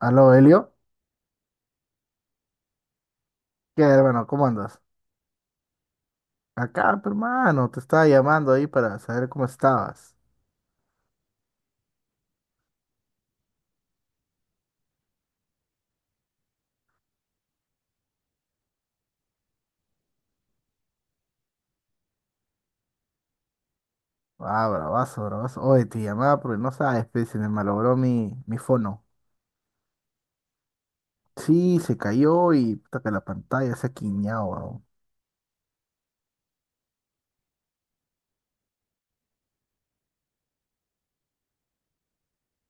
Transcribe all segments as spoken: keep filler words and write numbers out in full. Aló, Helio. ¿Qué, hermano? ¿Cómo andas? Acá, pero, hermano, te estaba llamando ahí para saber cómo estabas. Ah, bravazo, bravazo. Oye, te llamaba porque no sabes, pe, se me malogró mi, mi fono. Sí, se cayó y puta que la pantalla se ha quiñado, weón.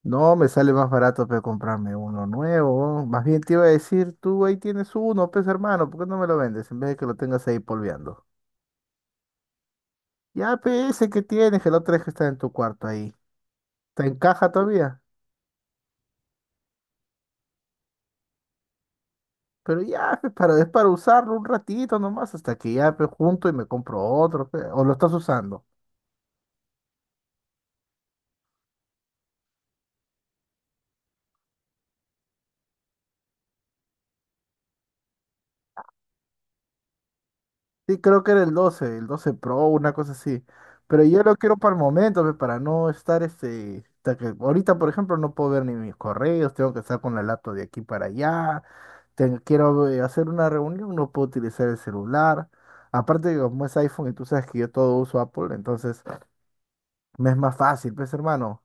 No, me sale más barato, pe, comprarme uno nuevo, weón. Más bien te iba a decir, tú ahí tienes uno, pues, hermano, ¿por qué no me lo vendes en vez de que lo tengas ahí polveando? Ya, pe, ese que tienes, que el otro es que está en tu cuarto ahí. ¿Te encaja todavía? Pero ya, pues, para, es para usarlo un ratito nomás, hasta que ya pues, junto y me compro otro, pues, o lo estás usando. Sí, creo que era el doce el doce Pro, una cosa así. Pero yo lo quiero para el momento, pues, para no estar este, hasta que ahorita, por ejemplo, no puedo ver ni mis correos, tengo que estar con la laptop de aquí para allá, tengo- quiero eh, hacer una reunión, no puedo utilizar el celular. Aparte que como es iPhone y tú sabes que yo todo uso Apple, entonces me es más fácil, pues hermano,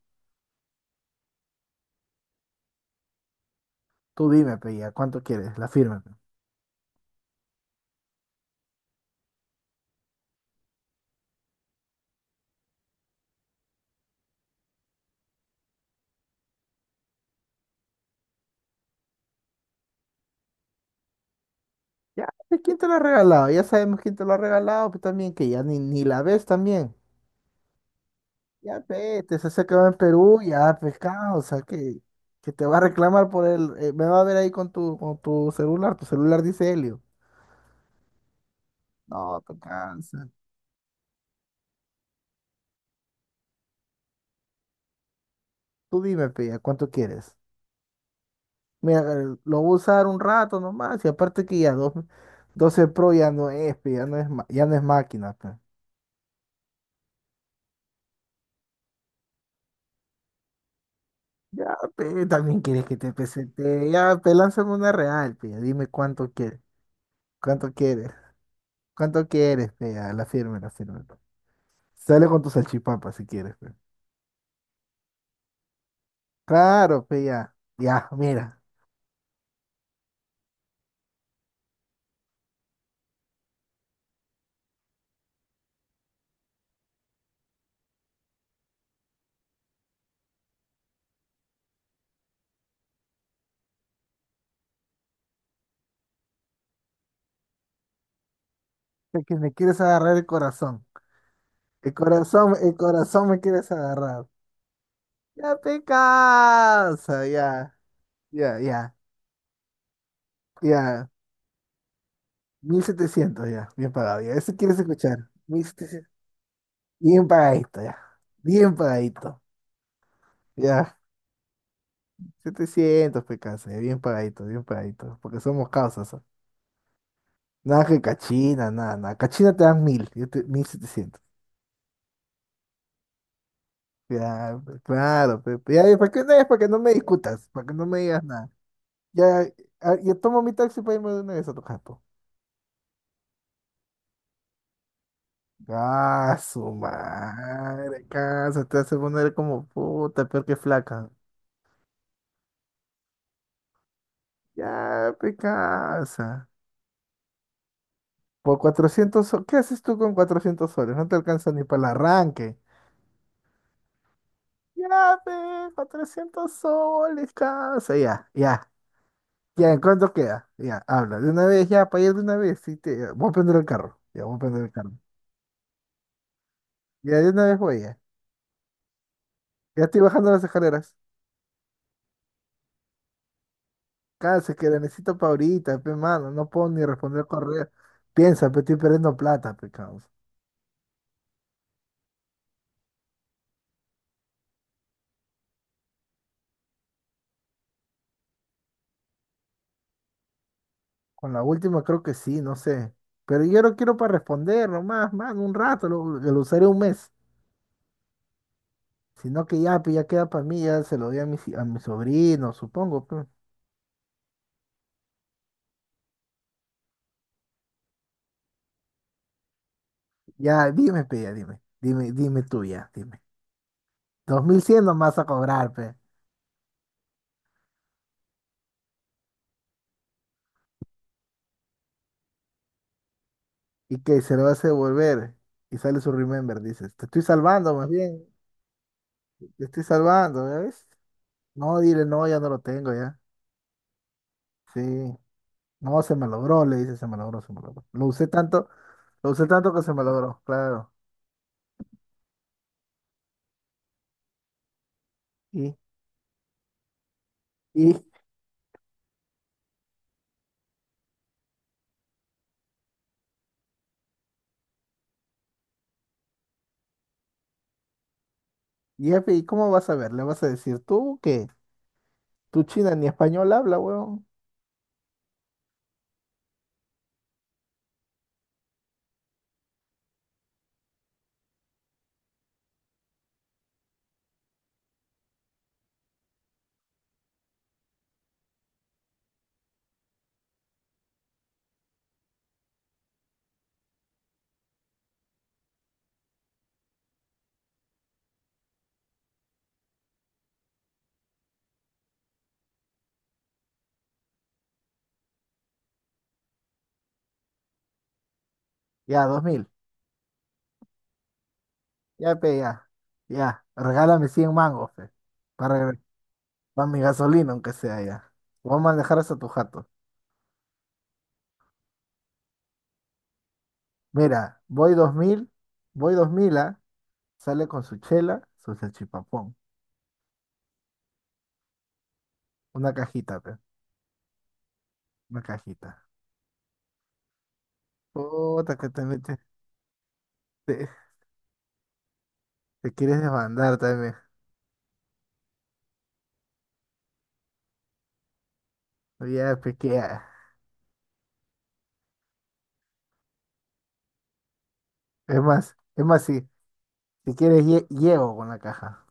tú dime, pues, ya, ¿cuánto quieres? La firma. Ya, pues, ¿quién te lo ha regalado? Ya sabemos quién te lo ha regalado, pues también que ya ni, ni la ves también. Ya, vete, se hace que va en Perú, ya, pescado, o sea, que, que te va a reclamar por el, eh, me va a ver ahí con tu, con tu celular, tu celular dice Helio. No, te cansa. Tú dime, pe, ¿a cuánto quieres? Mira, eh, lo voy a usar un rato nomás, y aparte que ya dos, doce Pro ya no es, pe, ya no es, ma- ya no es máquina, pe. Ya, pe, también quieres que te presente, ya, pe, lánzame una real, pe, dime cuánto quieres. ¿Cuánto quieres? ¿Cuánto quieres, pe? Ya, la firme, la firme. Sale con tu salchipapa si quieres, pe. Claro, pe, ya. Ya, mira. Sé que me quieres agarrar el corazón. El corazón, el corazón me quieres agarrar. Ya te cansa, ya. Ya, ya, ya. Mil setecientos ya. Bien pagado, ya. Eso quieres escuchar. mil setecientos. Bien pagadito, ya. Bien pagadito. Ya. Setecientos pe, cansa, ya. Bien pagadito, bien pagadito. Porque somos causas. ¿Ah? Nada que cachina, nada, nada. Cachina te dan mil, yo te, mil setecientos. Ya, pe- claro, pe- pe- ya, ¿para qué no es? Para que no me discutas, para que no me digas nada. Ya, ah, yo tomo mi taxi para irme de una vez a tu jato. Ah, su madre, casa, te hace poner como puta, peor que flaca. Ya, pe casa. Por cuatrocientos soles, ¿qué haces tú con cuatrocientos soles? No te alcanza ni para el arranque. Ya, pe, cuatrocientos soles, casa, ya, ya. Ya, ¿en cuánto queda? Ya, habla. De una vez, ya, para ir de una vez. Sí, te... Voy a prender el carro. Ya, voy a prender el carro. Ya, de una vez voy, ya. Ya estoy bajando las escaleras. Cállense, que la necesito para ahorita, pe, mano. No puedo ni responder correo. Piensa, pe, estoy perdiendo plata, pe, causa. Con la última creo que sí, no sé. Pero yo no quiero para responder nomás, mano, un rato. Lo, lo usaré un mes. Sino que ya, pe, ya queda para mí. Ya se lo doy a mi, a mi sobrino, supongo, pe. Ya, dime, pe, ya, dime. Dime, dime tú ya, dime. dos mil cien nomás a cobrar, pe. Y que se lo hace volver y sale su remember, dices, te estoy salvando más bien, te estoy salvando, ¿ya ves? No, dile, no, ya no lo tengo, ya. Sí, no, se me logró, le dice, se me logró, se me logró. Lo usé tanto, lo usé tanto que se me logró, claro. Y, y, y, jefe, ¿y cómo vas a ver? ¿Le vas a decir tú que tú china ni español habla, weón? Ya, dos mil, ya, pe, ya, ya, regálame cien mangos, fe, para, para mi gasolina, aunque sea, ya. Vamos a manejar hasta tu jato. Mira, Voy dos mil, Voy dos mil, ¿ah? Sale con su chela, su salchipapón. Una cajita, pe, una cajita. Puta, que también te, te- te quieres desbandar también. Ya, pe, que ya. Es más, es más, si, si quieres, lle- llego con la caja.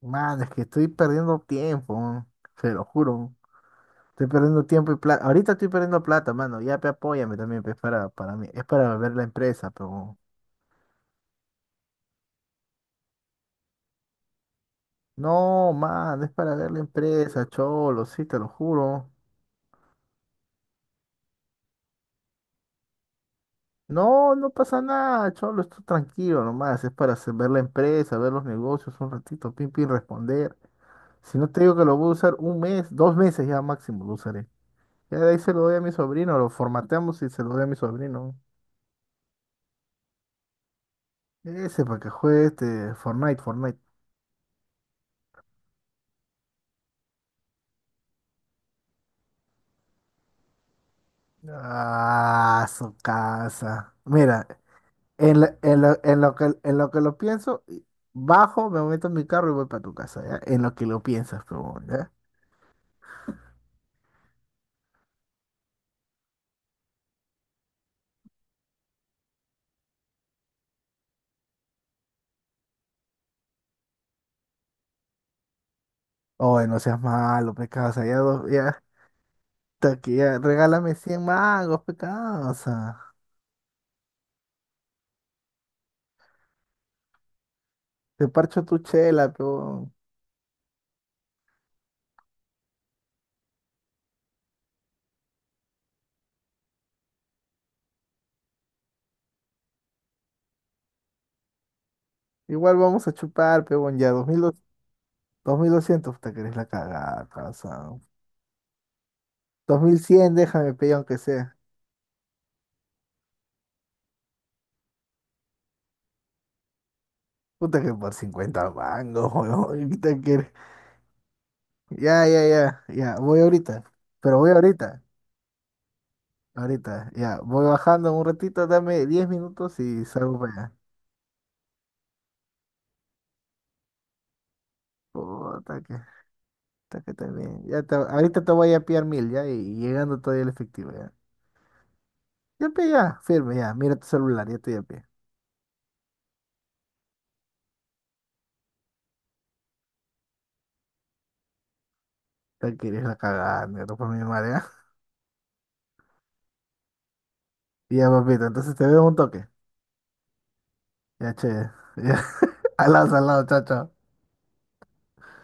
Man, es que estoy perdiendo tiempo, man. Se lo juro, man. Estoy perdiendo tiempo y plata. Ahorita estoy perdiendo plata, mano. Ya, pe, apóyame también, pe, es para, para mí. Es para ver la empresa, pero. No, man, es para ver la empresa, cholo, sí, te lo juro. No, no pasa nada, cholo, estoy tranquilo nomás, es para hacer- ver la empresa, ver los negocios un ratito, pim, pim, responder. Si no te digo que lo voy a usar un mes, dos meses ya máximo lo usaré. Ya de ahí se lo doy a mi sobrino, lo formateamos y se lo doy a mi sobrino. Ese para que juegue este Fortnite, Fortnite. Ah, su casa. Mira, en, la- en, lo, en, lo que, en lo que lo pienso, y bajo, me meto en mi carro y voy para tu casa, ¿ya? En lo que lo piensas, pero, ¿ya? Oye, no seas malo, me casa, ya, dos- ya. Puta que ya, regálame cien mangos, pecado. O sea, te parcho tu chela, peón. Igual vamos a chupar, peón. Ya, dos mil doscientos, dos mil doscientos, puta que eres la cagada, o sea. Cien, déjame, peón, aunque sea. Puta que por cincuenta mangos, weón. puta que eres- Ya, ya, ya, ya, voy ahorita. Pero voy ahorita, ahorita. Ya, voy bajando un ratito, dame diez minutos y salgo para allá. Puta que, puta que también. Ya te- ahorita te voy a pillar mil, ya, y llegando todavía el efectivo, ya. Ya pe, ya, firme, ya. Mira tu celular, ya estoy a pie. Ya quieres la cagada, negro, por mi madre. ¿Ah? Ya, papito, entonces te veo en un toque. Ya, che. Ya. Al lado, al lado, chao, chao.